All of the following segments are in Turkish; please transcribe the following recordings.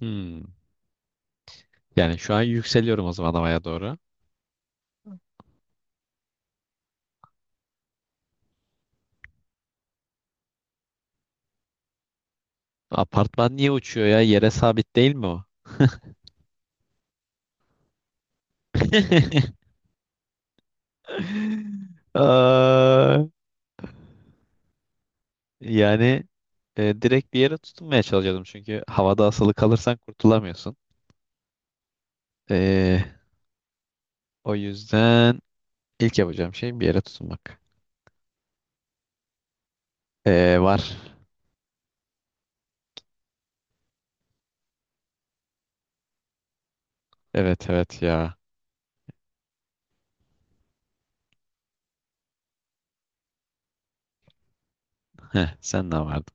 Hmm. Yani şu an yükseliyorum o zaman havaya doğru. Apartman niye uçuyor ya? Yere sabit değil mi o? Aa, yani direkt bir yere tutunmaya çalışıyordum çünkü havada asılı kalırsan kurtulamıyorsun. E, O yüzden ilk yapacağım şey bir yere tutunmak. Var. Evet evet ya. Heh, sen ne vardın?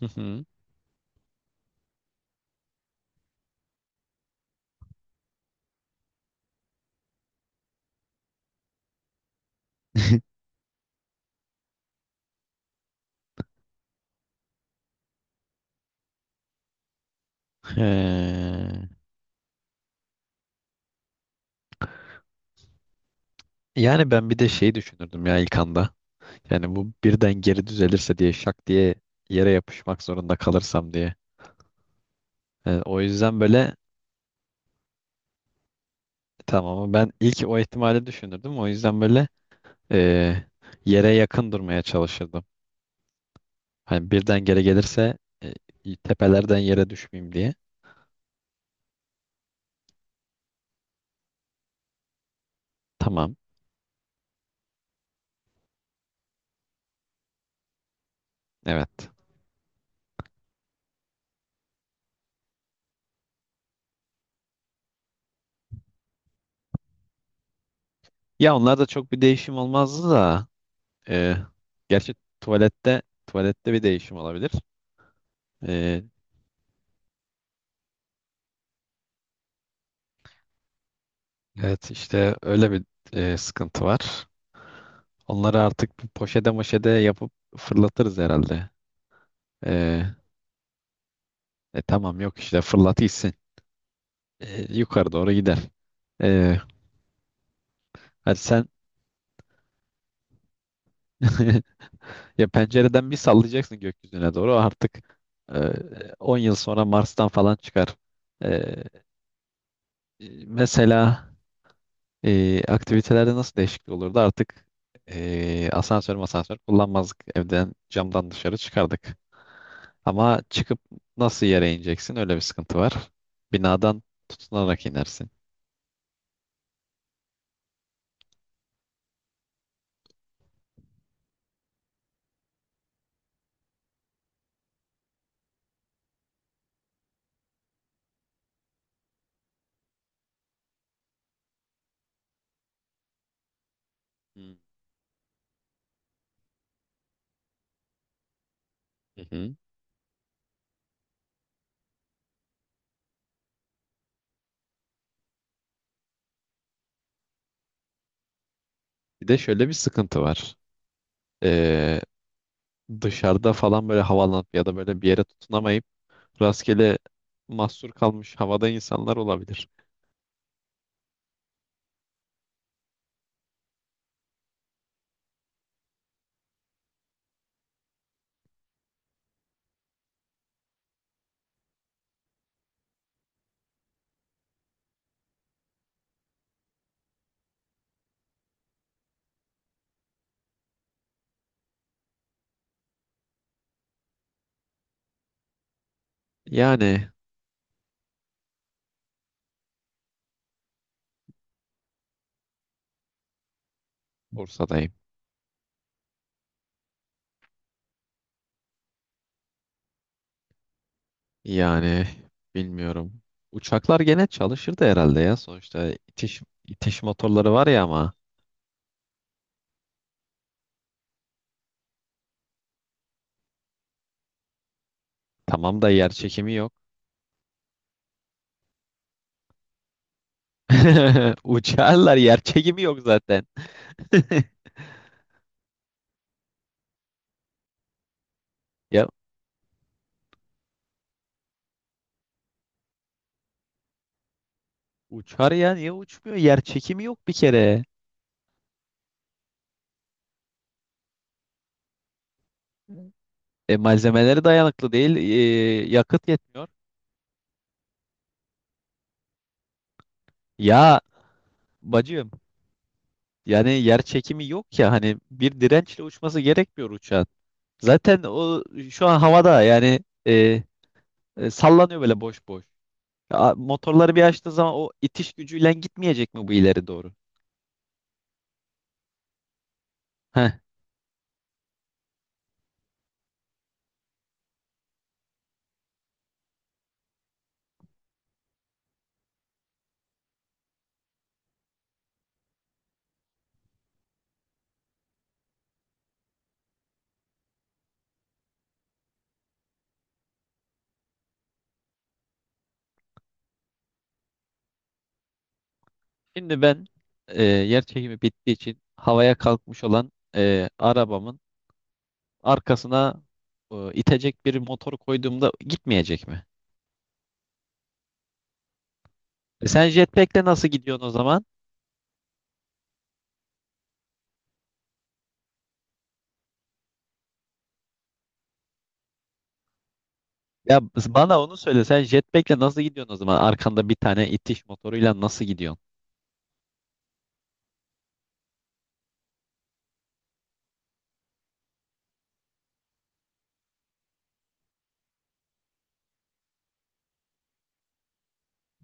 Hı hı. Ee, Yani ben bir de şey düşünürdüm ya ilk anda. Yani bu birden geri düzelirse diye şak diye yere yapışmak zorunda kalırsam diye. Yani o yüzden böyle tamam, ama ben ilk o ihtimali düşünürdüm. O yüzden böyle eee, yere yakın durmaya çalışırdım. Hani birden geri gelirse tepelerden yere düşmeyeyim diye. Tamam. Evet. Ya onlar da çok bir değişim olmazdı da. eee, Gerçi tuvalette tuvalette bir değişim olabilir. Eee, evet işte öyle bir sıkıntı var. Onları artık bir poşete moşede yapıp fırlatırız herhalde. Ee, tamam, yok işte, fırlat gitsin. Yukarı doğru gider. Ee, Hadi sen ya, pencereden bir sallayacaksın gökyüzüne doğru artık, e, 10 yıl sonra Mars'tan falan çıkar. Ee, Mesela aktivitelerde nasıl değişiklik olurdu artık, asansör masansör kullanmazdık, evden camdan dışarı çıkardık. Ama çıkıp nasıl yere ineceksin? Öyle bir sıkıntı var. Binadan tutunarak inersin. Hı hı. Bir de şöyle bir sıkıntı var. Ee, Dışarıda falan böyle havalanıp ya da böyle bir yere tutunamayıp rastgele mahsur kalmış havada insanlar olabilir. Yani Bursa'dayım. Yani bilmiyorum. Uçaklar gene çalışırdı herhalde ya. Sonuçta itiş motorları var ya ama. Tamam da yer çekimi yok. Uçarlar, yer çekimi yok zaten. Ya uçar ya, niye uçmuyor? Yer çekimi yok bir kere. Malzemeleri dayanıklı değil, yakıt yetmiyor. Ya bacım, yani yer çekimi yok ya, hani bir dirençle uçması gerekmiyor uçağın. Zaten o şu an havada, yani e, sallanıyor böyle boş boş. Ya, motorları bir açtığı zaman o itiş gücüyle gitmeyecek mi bu ileri doğru? Heh. Şimdi ben yer çekimi bittiği için havaya kalkmış olan arabamın arkasına itecek bir motor koyduğumda gitmeyecek mi? Sen jetpack'le nasıl gidiyorsun o zaman? Ya bana onu söyle. Sen jetpack'le nasıl gidiyorsun o zaman? Arkanda bir tane itiş motoruyla nasıl gidiyorsun?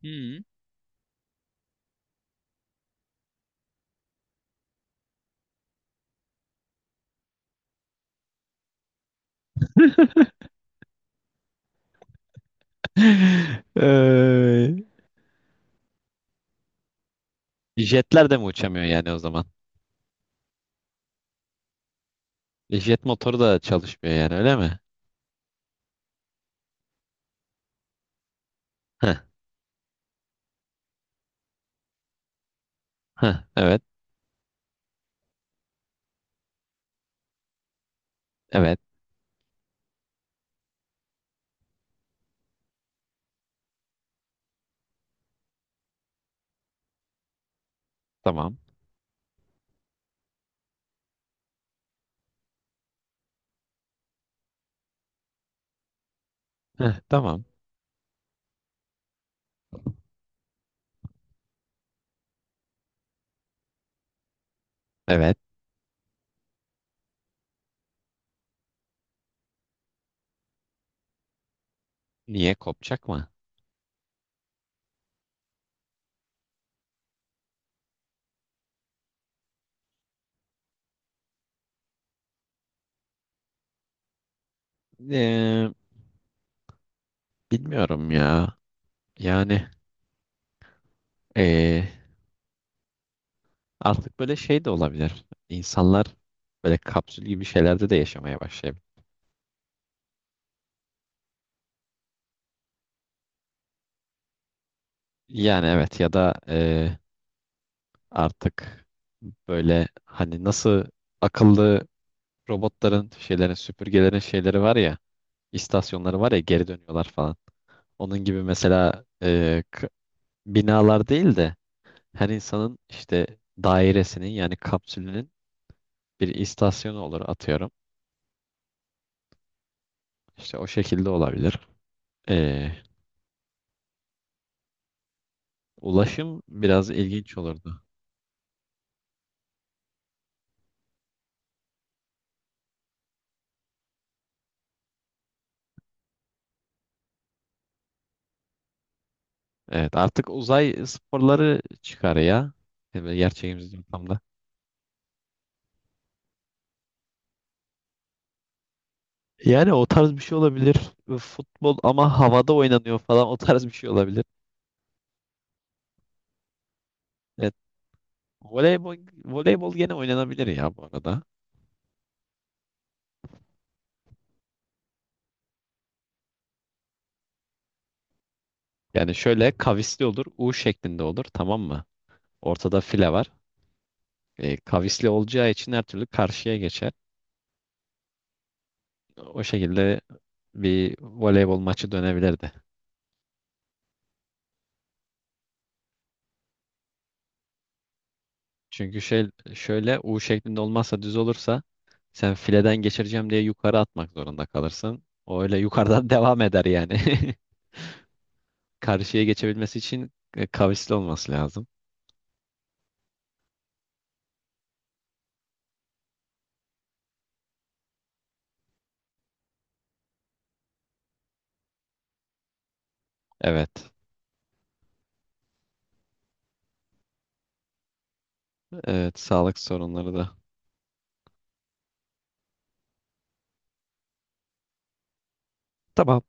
Hı. Eee, Jetler de mi uçamıyor yani o zaman? Jet motoru da çalışmıyor yani, öyle mi? Heh, heh, evet. Evet, tamam. Heh, tamam. Evet. Niye, kopacak mı? Ee, Bilmiyorum ya. Yani ee, artık böyle şey de olabilir. İnsanlar böyle kapsül gibi şeylerde de yaşamaya başlayabilir. Yani evet, ya da artık böyle, hani nasıl, akıllı robotların, şeylerin, süpürgelerin şeyleri var ya, istasyonları var ya, geri dönüyorlar falan. Onun gibi mesela, binalar değil de her insanın işte dairesinin, yani kapsülünün bir istasyonu olur atıyorum. İşte o şekilde olabilir. Ee, Ulaşım biraz ilginç olurdu. Evet, artık uzay sporları çıkar ya. Yani böyle gerçeğimiz ortamda. Yani o tarz bir şey olabilir. Futbol ama havada oynanıyor falan, o tarz bir şey olabilir. Evet. Voleybol, voleybol gene oynanabilir ya bu arada. Yani şöyle kavisli olur, U şeklinde olur, tamam mı? Ortada file var. Kavisli olacağı için her türlü karşıya geçer. O şekilde bir voleybol maçı dönebilirdi. Çünkü şey, şöyle U şeklinde olmazsa, düz olursa sen fileden geçireceğim diye yukarı atmak zorunda kalırsın. O öyle yukarıdan devam eder yani. Karşıya geçebilmesi için kavisli olması lazım. Evet. Evet, sağlık sorunları da. Tamam.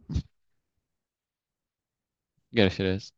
Görüşürüz.